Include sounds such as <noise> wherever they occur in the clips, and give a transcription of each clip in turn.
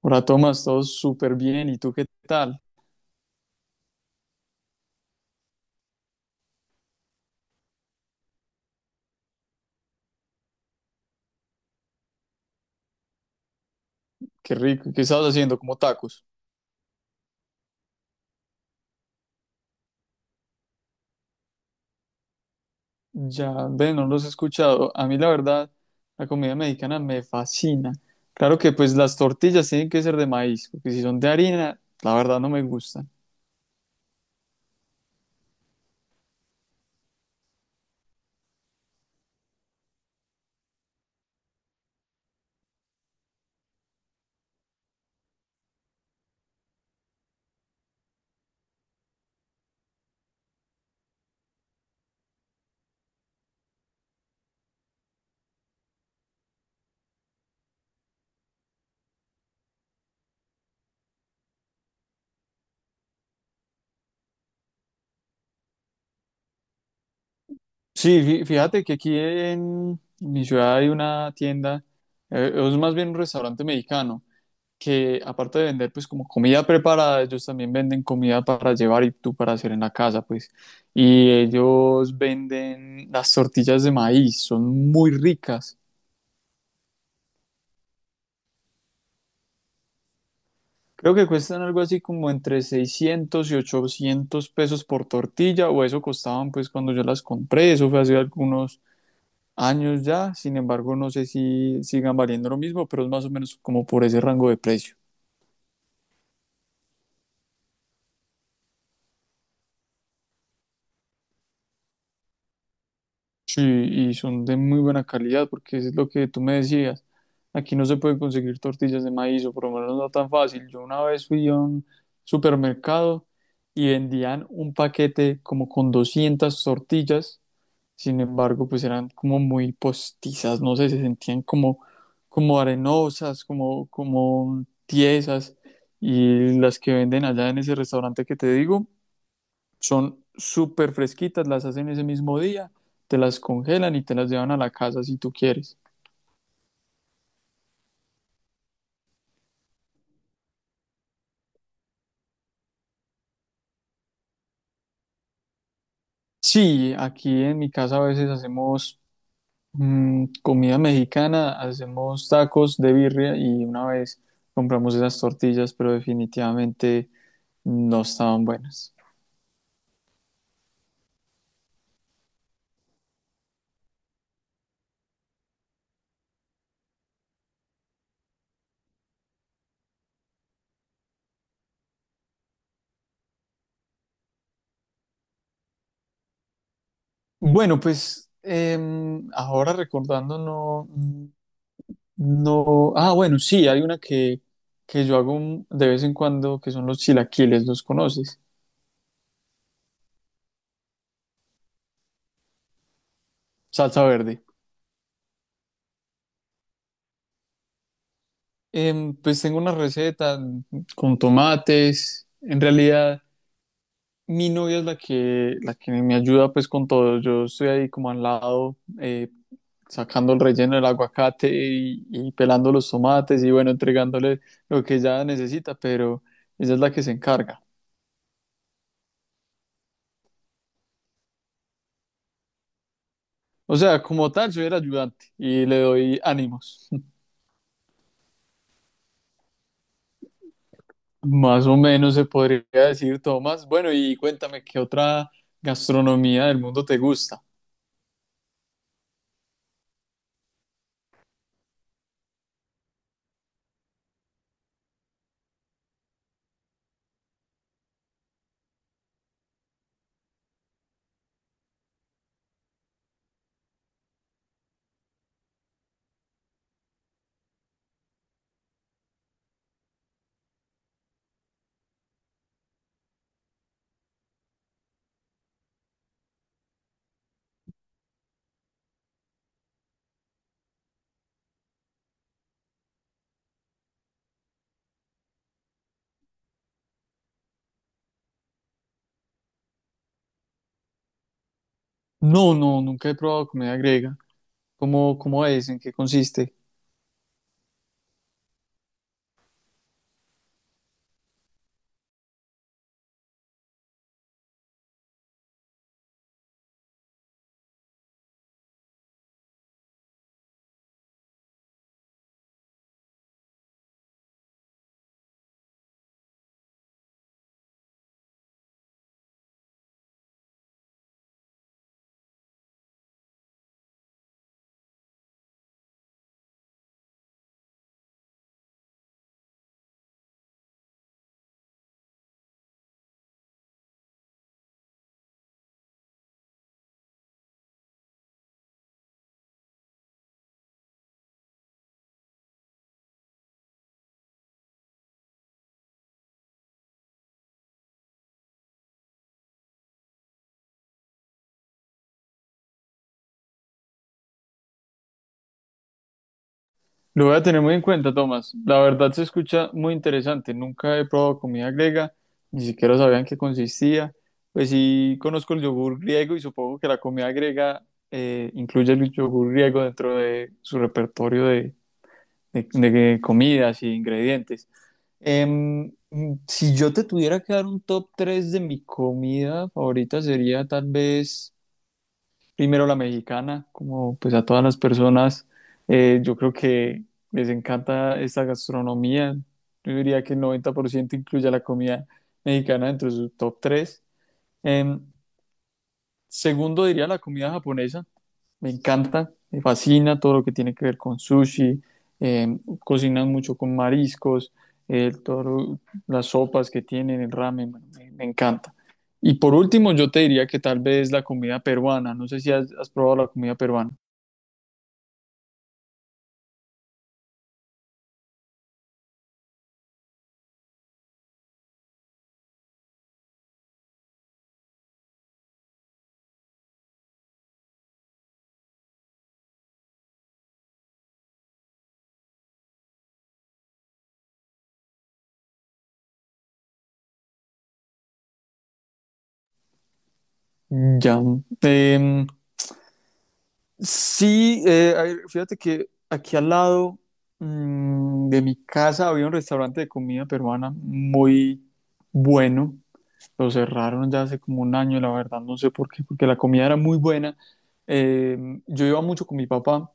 Hola Tomás, todo súper bien. ¿Y tú qué tal? Qué rico. ¿Qué estabas haciendo? Como tacos. Ya, ve, no los he escuchado. A mí la verdad, la comida mexicana me fascina. Claro que pues las tortillas tienen que ser de maíz, porque si son de harina, la verdad no me gustan. Sí, fíjate que aquí en mi ciudad hay una tienda, es más bien un restaurante mexicano que aparte de vender pues como comida preparada, ellos también venden comida para llevar y tú para hacer en la casa pues. Y ellos venden las tortillas de maíz, son muy ricas. Creo que cuestan algo así como entre 600 y 800 pesos por tortilla, o eso costaban pues cuando yo las compré. Eso fue hace algunos años ya, sin embargo no sé si sigan valiendo lo mismo, pero es más o menos como por ese rango de precio. Sí, y son de muy buena calidad, porque es lo que tú me decías. Aquí no se pueden conseguir tortillas de maíz, o por lo menos no tan fácil. Yo una vez fui a un supermercado y vendían un paquete como con 200 tortillas, sin embargo, pues eran como muy postizas, no sé, se sentían como, como arenosas, como, como tiesas. Y las que venden allá en ese restaurante que te digo, son súper fresquitas, las hacen ese mismo día, te las congelan y te las llevan a la casa si tú quieres. Sí, aquí en mi casa a veces hacemos comida mexicana, hacemos tacos de birria y una vez compramos esas tortillas, pero definitivamente no estaban buenas. Bueno, pues ahora recordando, no, no, ah, bueno, sí, hay una que yo hago de vez en cuando, que son los chilaquiles, ¿los conoces? Salsa verde. Pues tengo una receta con tomates. En realidad, mi novia es la que me ayuda pues con todo. Yo estoy ahí como al lado, sacando el relleno del aguacate y pelando los tomates y bueno, entregándole lo que ella necesita, pero ella es la que se encarga. O sea, como tal, soy el ayudante y le doy ánimos. <laughs> Más o menos se podría decir, Tomás. Bueno, y cuéntame, ¿qué otra gastronomía del mundo te gusta? No, no, nunca he probado comida griega. ¿Cómo, cómo es? ¿En qué consiste? Lo voy a tener muy en cuenta, Tomás. La verdad se escucha muy interesante. Nunca he probado comida griega, ni siquiera sabía en qué consistía. Pues sí, conozco el yogur griego y supongo que la comida griega incluye el yogur griego dentro de su repertorio de- de comidas y ingredientes. Em, si yo te tuviera que dar un top 3 de mi comida favorita, sería tal vez primero la mexicana, como pues a todas las personas, yo creo que les encanta esta gastronomía. Yo diría que el 90% incluye a la comida mexicana dentro de su top 3. Segundo diría la comida japonesa, me encanta, me fascina todo lo que tiene que ver con sushi, eh, cocinan mucho con mariscos, eh, todo lo- las sopas que tienen, el ramen, bueno, me encanta. Y por último, yo te diría que tal vez la comida peruana. No sé si has probado la comida peruana. Ya. Em, sí, a ver, fíjate que aquí al lado de mi casa había un restaurante de comida peruana muy bueno. Lo cerraron ya hace como un año, la verdad, no sé por qué, porque la comida era muy buena. Yo iba mucho con mi papá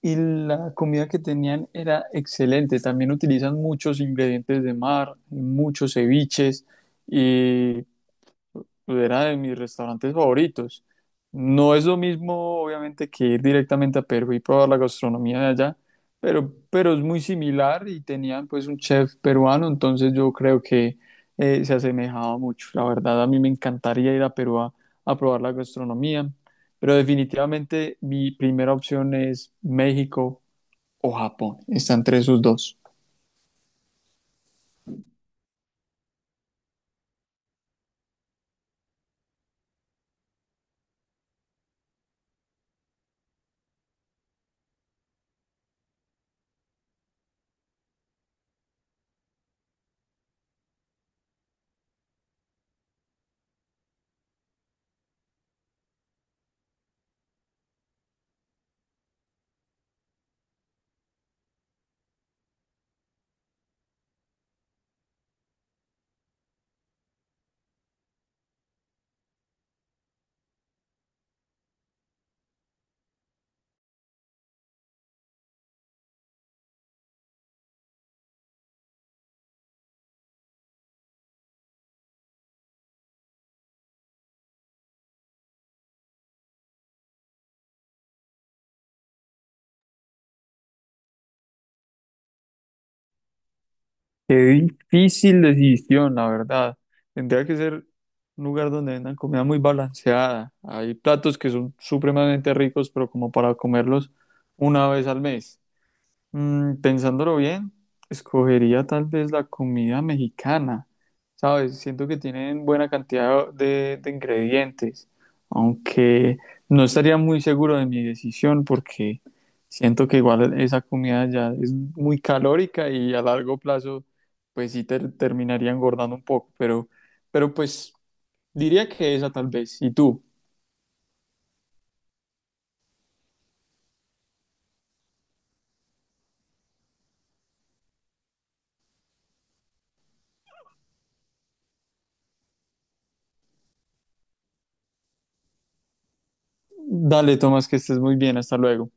y la comida que tenían era excelente. También utilizan muchos ingredientes de mar, muchos ceviches, era de mis restaurantes favoritos. No es lo mismo, obviamente, que ir directamente a Perú y probar la gastronomía de allá, pero es muy similar y tenían pues un chef peruano, entonces yo creo que se asemejaba mucho. La verdad, a mí me encantaría ir a Perú a probar la gastronomía, pero definitivamente mi primera opción es México o Japón. Están entre esos dos. Qué difícil decisión, la verdad. Tendría que ser un lugar donde vendan comida muy balanceada. Hay platos que son supremamente ricos, pero como para comerlos una vez al mes. Pensándolo bien, escogería tal vez la comida mexicana, ¿sabes? Siento que tienen buena cantidad de ingredientes, aunque no estaría muy seguro de mi decisión porque siento que igual esa comida ya es muy calórica y a largo plazo pues sí terminaría engordando un poco, pero, pues diría que esa tal vez. ¿Y tú? Dale, Tomás, que estés muy bien, hasta luego.